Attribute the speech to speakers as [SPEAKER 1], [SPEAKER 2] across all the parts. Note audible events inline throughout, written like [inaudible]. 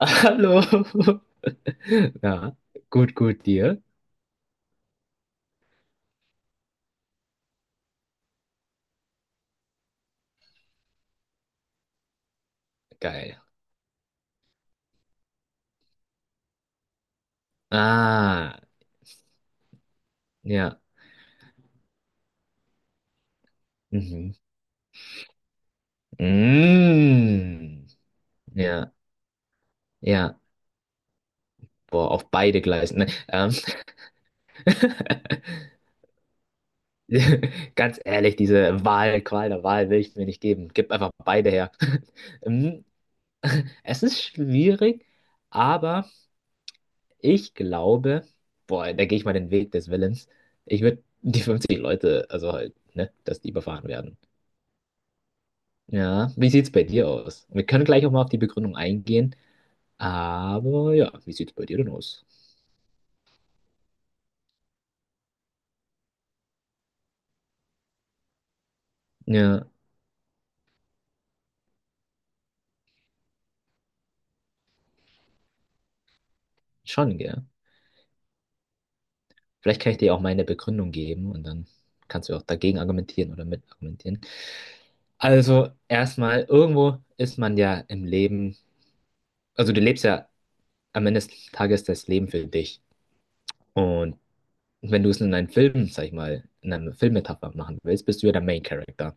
[SPEAKER 1] Hallo. [laughs] Ja, gut, gut, dir. Geil. Ah, ja. Mhm. Mm. Ja, ja. Boah, auf beide Gleisen ne? [laughs] Ganz ehrlich, diese Qual der Wahl will ich mir nicht geben. Gib einfach beide her. [laughs] Mm. Es ist schwierig, aber ich glaube, boah, da gehe ich mal den Weg des Willens. Ich würde die 50 Leute, also halt, ne, dass die überfahren werden. Ja, wie sieht's bei dir aus? Wir können gleich auch mal auf die Begründung eingehen, aber ja, wie sieht's bei dir denn aus? Ja, schon, gell? Vielleicht kann ich dir auch meine Begründung geben und dann kannst du auch dagegen argumentieren oder mit argumentieren. Also, erstmal, irgendwo ist man ja im Leben, also du lebst ja am Ende des Tages das Leben für dich. Und wenn du es in einem Film, sag ich mal, in einer Filmmetapher machen willst, bist du ja der Main Character.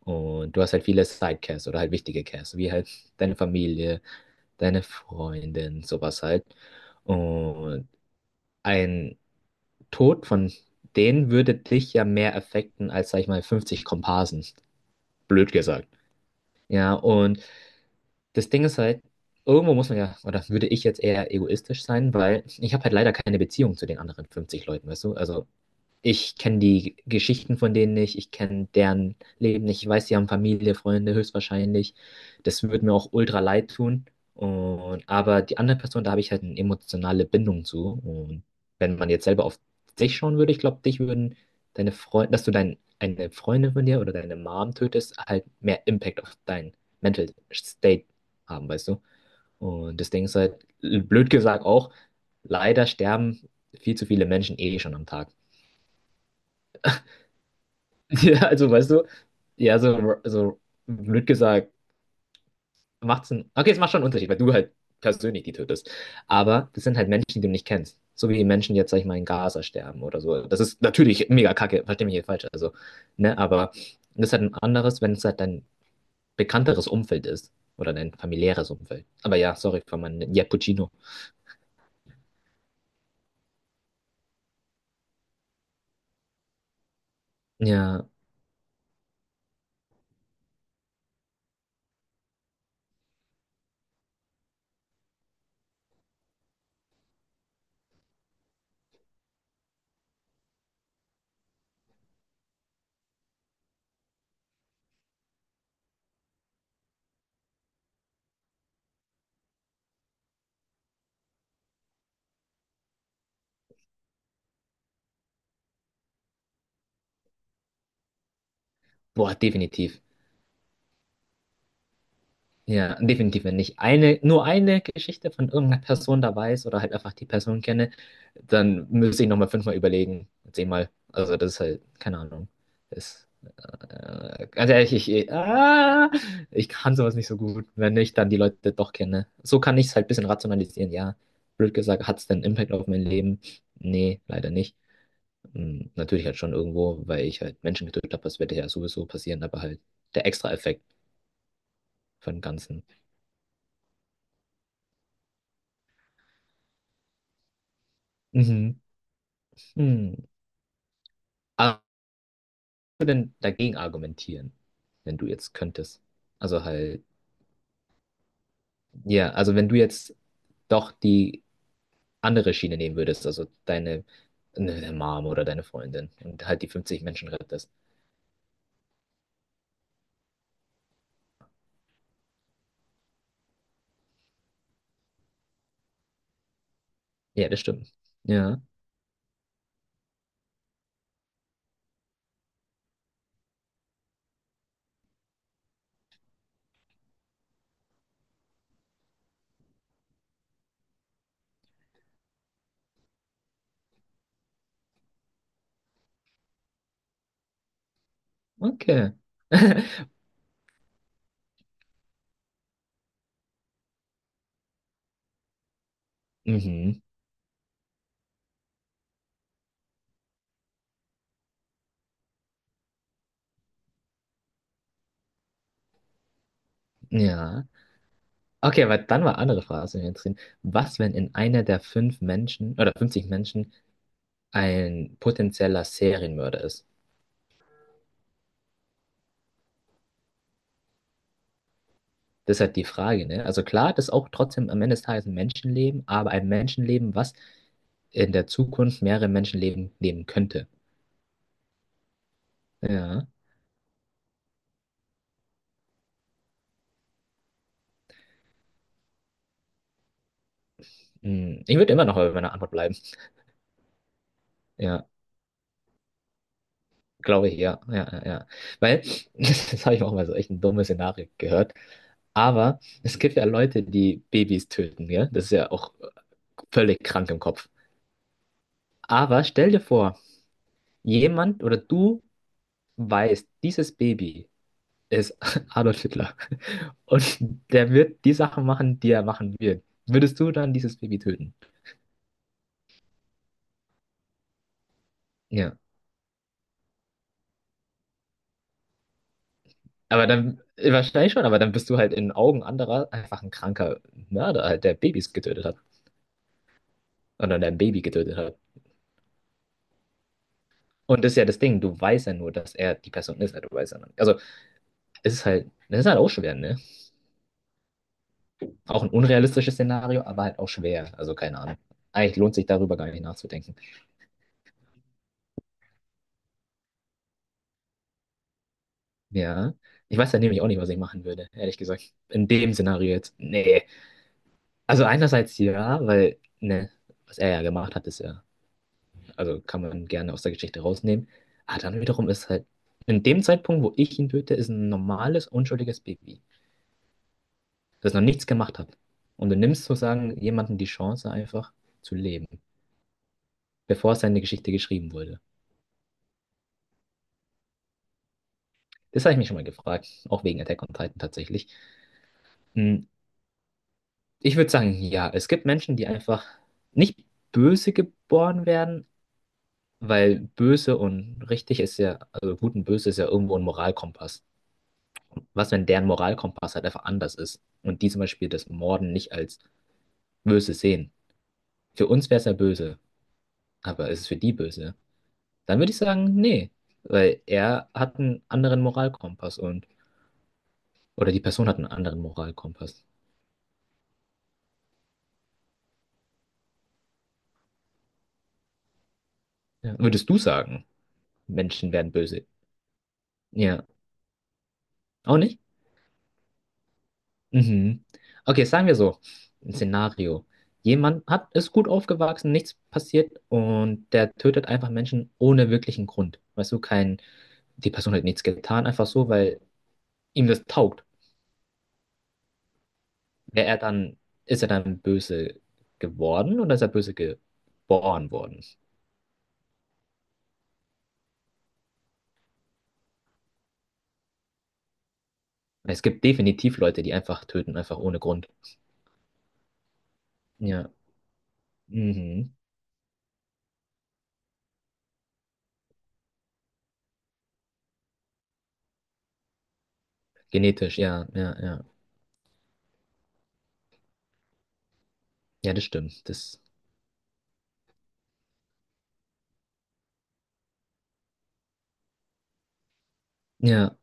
[SPEAKER 1] Und du hast halt viele Sidecasts oder halt wichtige Casts, wie halt deine Familie, deine Freundin, sowas halt. Und ein Tod von denen würde dich ja mehr affekten als, sag ich mal, 50 Komparsen. Blöd gesagt. Ja, und das Ding ist halt, irgendwo muss man ja, oder würde ich jetzt eher egoistisch sein, weil ich habe halt leider keine Beziehung zu den anderen 50 Leuten, weißt du? Also ich kenne die Geschichten von denen nicht, ich kenne deren Leben nicht, ich weiß, sie haben Familie, Freunde höchstwahrscheinlich. Das würde mir auch ultra leid tun. Und, aber die andere Person, da habe ich halt eine emotionale Bindung zu. Und wenn man jetzt selber auf dich schauen würde, ich glaube, dich würden deine Freunde, eine Freundin von dir oder deine Mom tötest, halt mehr Impact auf dein Mental State haben, weißt du? Und das Ding ist halt, blöd gesagt auch, leider sterben viel zu viele Menschen eh schon am Tag. [laughs] Ja, also weißt du, ja, so, so blöd gesagt, macht's einen. Okay, es macht schon einen Unterschied, weil du halt persönlich die tötest. Aber das sind halt Menschen, die du nicht kennst. So wie die Menschen jetzt, sag ich mal, in Gaza sterben oder so. Das ist natürlich mega kacke, versteh mich nicht falsch. Also, ne, aber das ist halt ein anderes, wenn es halt dein bekannteres Umfeld ist. Oder dein familiäres Umfeld. Aber ja, sorry für meinen Jappuccino. Ja, boah, definitiv. Ja, definitiv, wenn ich nur eine Geschichte von irgendeiner Person da weiß oder halt einfach die Person kenne, dann müsste ich nochmal 5-mal überlegen, 10-mal. Also das ist halt, keine Ahnung. Ist, ganz ehrlich, ich kann sowas nicht so gut, wenn ich dann die Leute doch kenne. So kann ich es halt ein bisschen rationalisieren, ja. Blöd gesagt, hat es denn Impact auf mein Leben? Nee, leider nicht. Hm, natürlich halt schon irgendwo, weil ich halt Menschen getötet habe, das wird ja sowieso passieren, aber halt der Extra-Effekt von dem Ganzen. Mhm. Hm. Aber was würdest du denn dagegen argumentieren, wenn du jetzt könntest? Also halt, ja, also wenn du jetzt doch die andere Schiene nehmen würdest, also deine, ne, deine Mom oder deine Freundin und halt die 50 Menschen rettest. Ja, das stimmt. Ja, okay. [laughs] Mhm, ja. Okay, aber dann war andere Frage, was mich interessiert. Was, wenn in einer der 5 Menschen oder 50 Menschen ein potenzieller Serienmörder ist? Das ist halt die Frage, ne? Also klar, das ist auch trotzdem am Ende des Tages ein Menschenleben, aber ein Menschenleben, was in der Zukunft mehrere Menschenleben nehmen könnte. Ja. Hm, ich würde immer noch bei meiner Antwort bleiben. Ja, glaube ich, ja. Ja, ja, ja. Weil, [laughs] das habe ich auch mal so echt ein dummes Szenario gehört. Aber es gibt ja Leute, die Babys töten, ja? Das ist ja auch völlig krank im Kopf. Aber stell dir vor, jemand oder du weißt, dieses Baby ist [laughs] Adolf Hitler. Und der wird die Sachen machen, die er machen wird. Würdest du dann dieses Baby töten? Ja. Aber dann, wahrscheinlich schon, aber dann bist du halt in den Augen anderer einfach ein kranker Mörder, halt, der Babys getötet hat. Oder der ein Baby getötet hat. Und das ist ja das Ding, du weißt ja nur, dass er die Person ist, halt, du weißt ja noch nicht. Also, es ist halt, das ist halt auch schwer, ne? Auch ein unrealistisches Szenario, aber halt auch schwer. Also, keine Ahnung. Eigentlich lohnt sich darüber gar nicht nachzudenken. Ja. Ich weiß ja nämlich auch nicht, was ich machen würde, ehrlich gesagt. In dem Szenario jetzt. Nee. Also einerseits ja, weil, ne, was er ja gemacht hat, ist ja, also kann man gerne aus der Geschichte rausnehmen. Aber dann wiederum ist halt, in dem Zeitpunkt, wo ich ihn töte, ist ein normales, unschuldiges Baby, das noch nichts gemacht hat. Und du nimmst sozusagen jemandem die Chance, einfach zu leben, bevor seine Geschichte geschrieben wurde. Das habe ich mich schon mal gefragt, auch wegen Attack on Titan tatsächlich. Hm, ich würde sagen, ja, es gibt Menschen, die einfach nicht böse geboren werden, weil böse und richtig ist ja, also gut und böse ist ja irgendwo ein Moralkompass. Was, wenn deren Moralkompass halt einfach anders ist und die zum Beispiel das Morden nicht als böse sehen? Für uns wäre es ja böse, aber ist es für die böse? Dann würde ich sagen, nee, weil er hat einen anderen Moralkompass und, oder die Person hat einen anderen Moralkompass. Ja. Würdest du sagen, Menschen werden böse? Ja. Auch nicht? Mhm. Okay, sagen wir so, ein Szenario. Jemand hat, ist gut aufgewachsen, nichts passiert und der tötet einfach Menschen ohne wirklichen Grund. Weißt du, kein, die Person hat nichts getan, einfach so, weil ihm das taugt. Wäre er dann, ist er dann böse geworden oder ist er böse geboren worden? Es gibt definitiv Leute, die einfach töten, einfach ohne Grund. Ja, mhm. Genetisch, ja, ja, ja. Ja, das stimmt. Das, ja,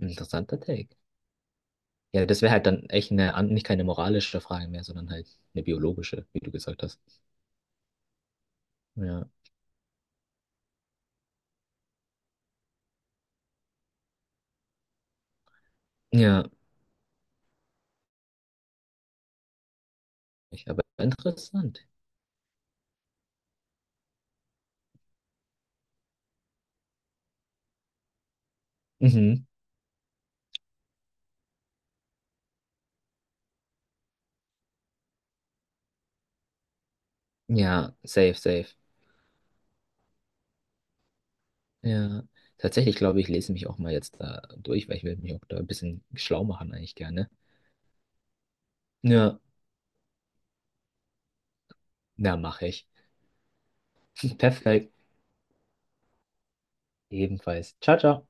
[SPEAKER 1] interessanter Take. Ja, das wäre halt dann echt eine, an- nicht keine moralische Frage mehr, sondern halt eine biologische, wie du gesagt hast. Ja, ja, ich, aber interessant. Mhm. Ja, safe, safe. Ja, tatsächlich glaube ich, lese mich auch mal jetzt da durch, weil ich will mich auch da ein bisschen schlau machen eigentlich gerne. Ja, na, mache ich. [laughs] Perfekt. Ebenfalls. Ciao, ciao.